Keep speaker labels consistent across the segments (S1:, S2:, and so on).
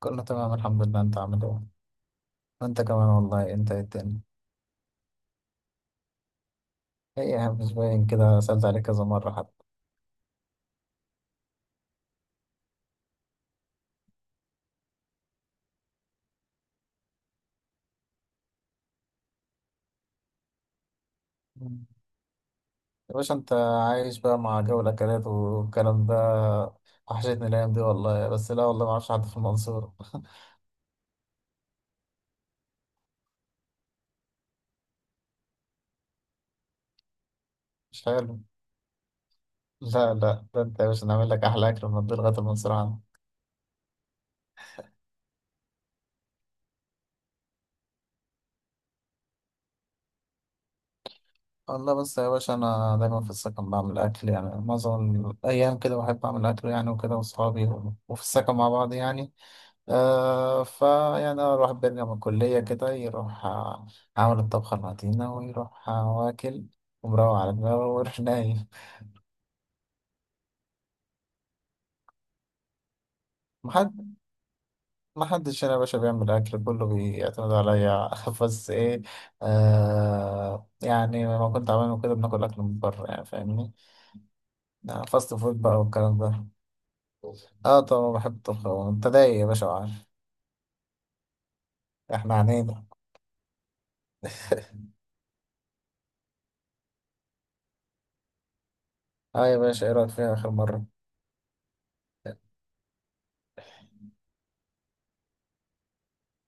S1: كله تمام الحمد لله، انت عامل ايه؟ وانت كمان والله. انت ايه التاني؟ ايه يا عم مش باين كده، سألت عليك كذا مرة حتى. مم. يا باشا انت عايش بقى مع جو الاكلات والكلام ده، وحشتني الايام دي والله، بس لا والله ما اعرفش حد في المنصورة. مش حلو. لا لا ده انت يا باشا، نعمل لك احلى اكل من الدنيا لغاية المنصورة عندك. والله بس يا باشا انا دايما في السكن بعمل اكل يعني، معظم الايام كده بحب اعمل اكل يعني وكده، واصحابي وفي السكن مع بعض يعني. فيعني أنا الواحد بيرجع من الكلية كده، يروح عامل الطبخة المتينة، ويروح واكل، ومروق على دماغه ويروح نايم. محد محدش هنا يا باشا بيعمل أكل، كله بيعتمد عليا. بس إيه، يعني لما كنت عامل كده بناكل أكل من بره يعني، فاهمني؟ آه، فاست فود بقى والكلام ده. اه طبعا بحب الطبخ، وأنت دايق يا باشا وعارف. احنا عنينا. اه يا باشا، ايه رأيك فيها آخر مرة؟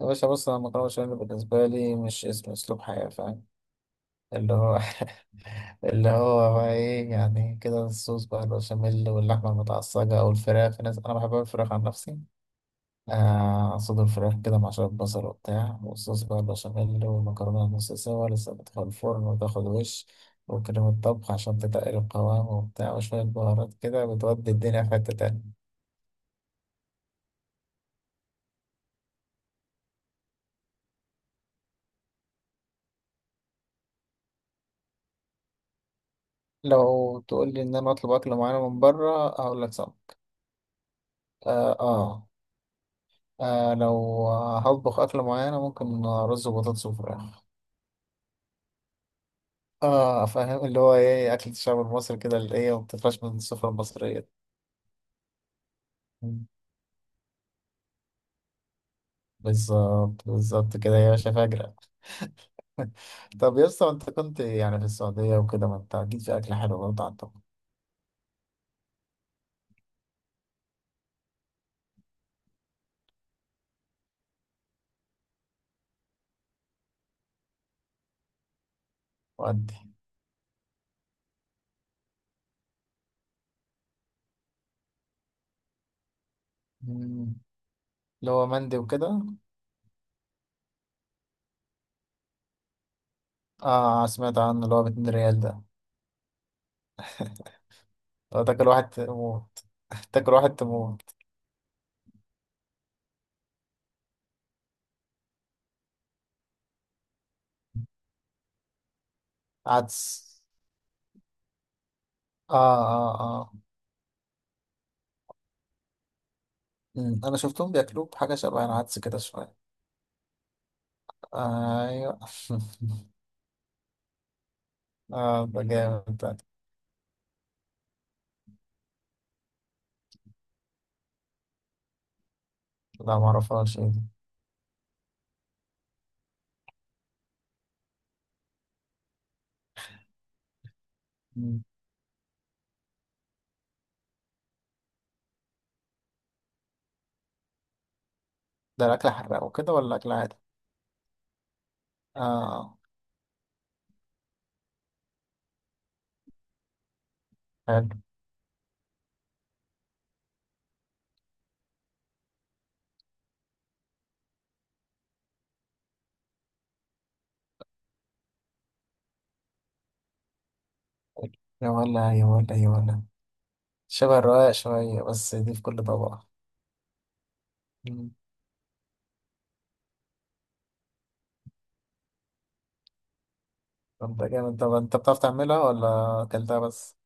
S1: يا باشا بص، أنا المكرونة بشاميل بالنسبة لي مش اسم، أسلوب حياة، فاهم؟ اللي هو اللي هو بقى ايه يعني كده، الصوص بقى البشاميل واللحمة المتعصجة أو الفراخ، في ناس، أنا بحب الفراخ عن نفسي. آه، صدور الفراخ كده مع شوية بصل وبتاع، والصوص بقى البشاميل، والمكرونة نص سوا لسه، بتدخل الفرن وتاخد وش، وكريمة طبخ عشان تتقل القوام وبتاع، وشوية بهارات كده بتودي الدنيا في حتة تانية. لو تقول لي إن أنا أطلب أكل معين من بره، هقول لك صعب. آه, آه, آه لو هطبخ أكل معينة، ممكن رز وبطاطس وفراخ. اه فاهم، اللي هو ايه، اكل الشعب المصري كده، اللي ايه ما بتفرقش من السفرة المصرية. مم. بالظبط كده يا باشا، فاجرة. طب يا اسطى، انت كنت يعني في السعودية وكده، ما انت اكيد في اكل حلو برضه عندكم. وأدي. مم. اللي هو مندي وكده. اه سمعت عنه، اللي هو ب 2 ريال ده. لو تاكل واحد تموت. تاكل واحد تموت. عدس. اه اه اه. مم. انا شفتهم بياكلوه بحاجة شبه العدس كده شوية. ايوه. اه ده جامد. لا معرفهاش، ايه دي؟ مم. ده الأكل حراق وكده ولا أكل عادي؟ آه. حلو. يا ولا يا ولا يا ولا. شبه الرقاق شوية، بس دي في كل طبق. مم. طب ده جامد، طب أنت بتعرف تعملها ولا أكلتها بس؟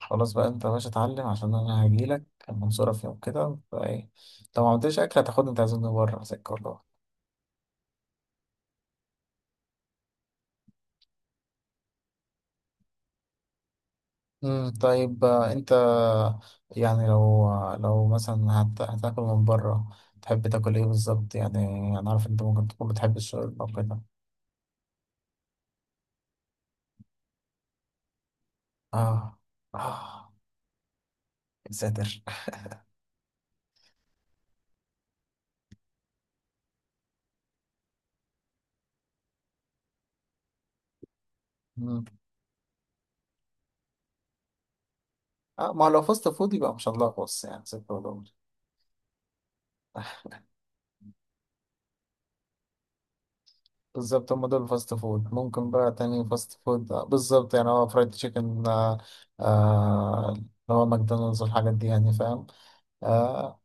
S1: خلاص بقى أنت يا باشا اتعلم، عشان أنا هجيلك المنصورة في يوم كده، فإيه لو ما عملتش أكل هتاخدني تعزمني بره زي الكل. مم، طيب انت يعني لو لو مثلا هتاكل من بره، تحب تاكل ايه بالظبط يعني؟ انا عارف انت ممكن تكون بتحب الشاورما وكده. اه اه. يا ساتر. مم. آه ما هو لو فاست فود يبقى مش هنلخبص يعني، ستة ودور. بالظبط، هم دول فاست فود. ممكن بقى تاني فاست فود بالظبط يعني هو فرايد تشيكن آه. اللي هو ماكدونالدز والحاجات دي يعني، فاهم؟ آه.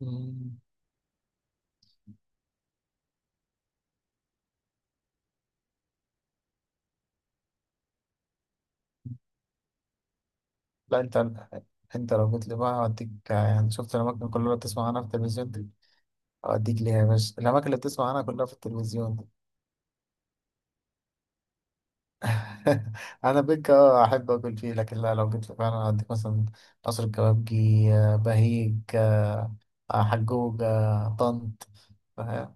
S1: مم. لا انت انت لو جيت لي بقى هوديك يعني، شفت الاماكن كلها اللي بتسمع عنها في التلفزيون دي، هوديك ليها يا باشا، الاماكن اللي بتسمع عنها كلها في التلفزيون دي. انا بيك اه احب اكل فيه، لكن لا لو جيت لي فعلا هوديك مثلا قصر الكبابجي، بهيج، حجوج، طنط، فاهم؟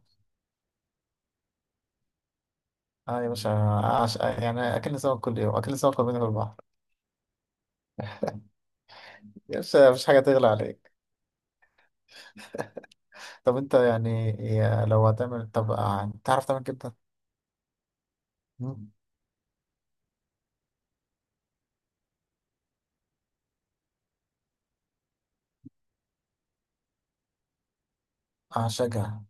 S1: اه يا باشا، يعني اكلنا سمك كل يوم، اكلنا سمك كل يوم في البحر. يا باشا مفيش حاجه تغلى عليك. طب انت يعني لو هتعمل، طب تعرف تعمل كبده؟ مم. اعشقها.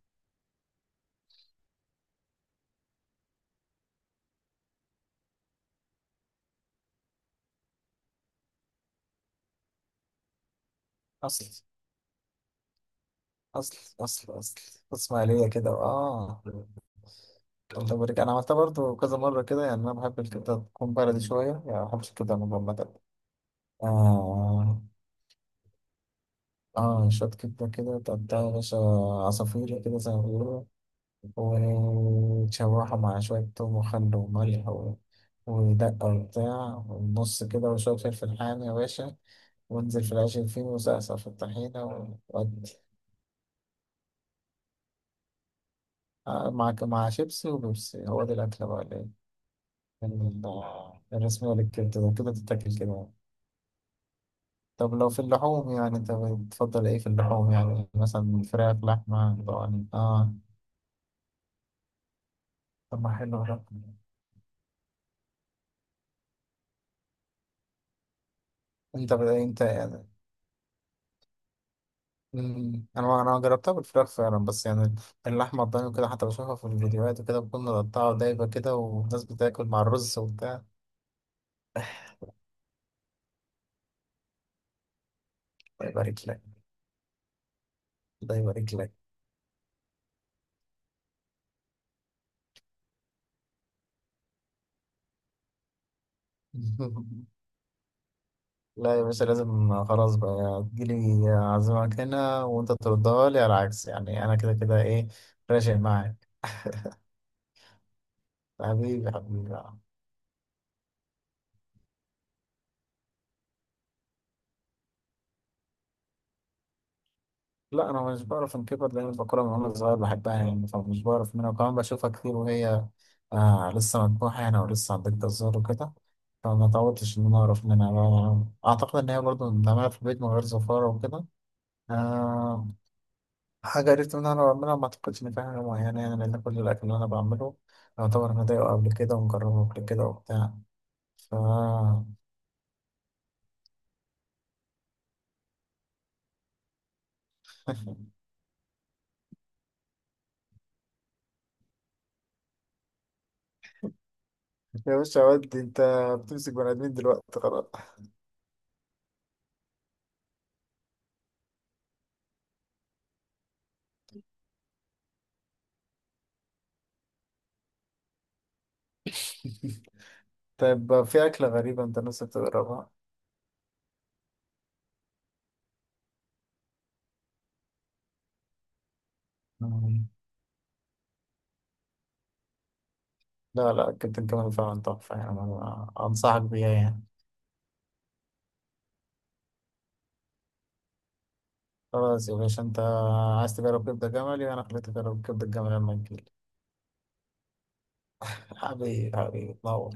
S1: اصلا اصل اصل اصل اسماعيليه كده اه. كبده بريك انا عملتها برضو كذا مره كده يعني، انا بحب الكبده تكون بلدي شويه يعني، ما بحبش الكبده المجمده. اه اه، شويه كبده كده تقطعها يا باشا، عصافير كده زي ما بيقولوا، وتشوحها مع شويه توم وخل وملح ودقه وبتاع والنص كده، وشويه فلفل حامي يا باشا، وانزل في العيش الفين وسقسق في الطحينه وودي. آه، مع شيبسي وبيبسي، هو ده الاكله بقى. ال- الرسم ولا الكبدة ده كده بتتاكل كده. طب لو في اللحوم يعني، انت بتفضل ايه في اللحوم يعني؟ مثلا فراخ، لحمة ضاني، اه. طب ما حلو ده. انت يعني. مم. انا جربتها بالفراخ فعلا، بس يعني اللحمة الضاني وكده، حتى بشوفها في الفيديوهات وكده بكون مقطعة دايبة كده، والناس بتاكل مع الرز وبتاع. الله يبارك لك. الله يبارك لك. لا يا باشا لازم خلاص بقى، تجيلي أعزمك هنا وأنت تردها لي، على العكس يعني أنا كده كده إيه، راشق معاك. حبيبي حبيبي. لا أنا مش بعرف أنكبر، لأن البقرة من وأنا صغير بحبها يعني، فمش بعرف منها، وكمان بشوفها كتير وهي آه لسه مذبوحة يعني، ولسه عندك الزهر وكده، فما اتعودتش إن أنا أعرف منها بقى. أعتقد إن هي برضه بنعملها في البيت من غير زفارة وكده. آه. حاجة عرفت إن أنا بعملها، ما أعتقدش إن في حاجة معينة يعني، لأن كل الأكل اللي أنا بعمله يعتبر أنا دايقه قبل كده ومجربه قبل كده وبتاع. ف، يا باشا ودي أنت بتمسك بني آدمين دلوقتي خلاص. طيب في أكلة غريبة أنت نفسك تجربها؟ مم. لا لا، أكلت الجمل فعلا تحفة يعني، أنا أنصحك بيها يعني. خلاص يا باشا أنت عايز تجرب كبدة جملي، وأنا خليتك تجرب كبدة جمل لما تجيلي. حبيبي حبيبي تنور.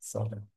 S1: سلام.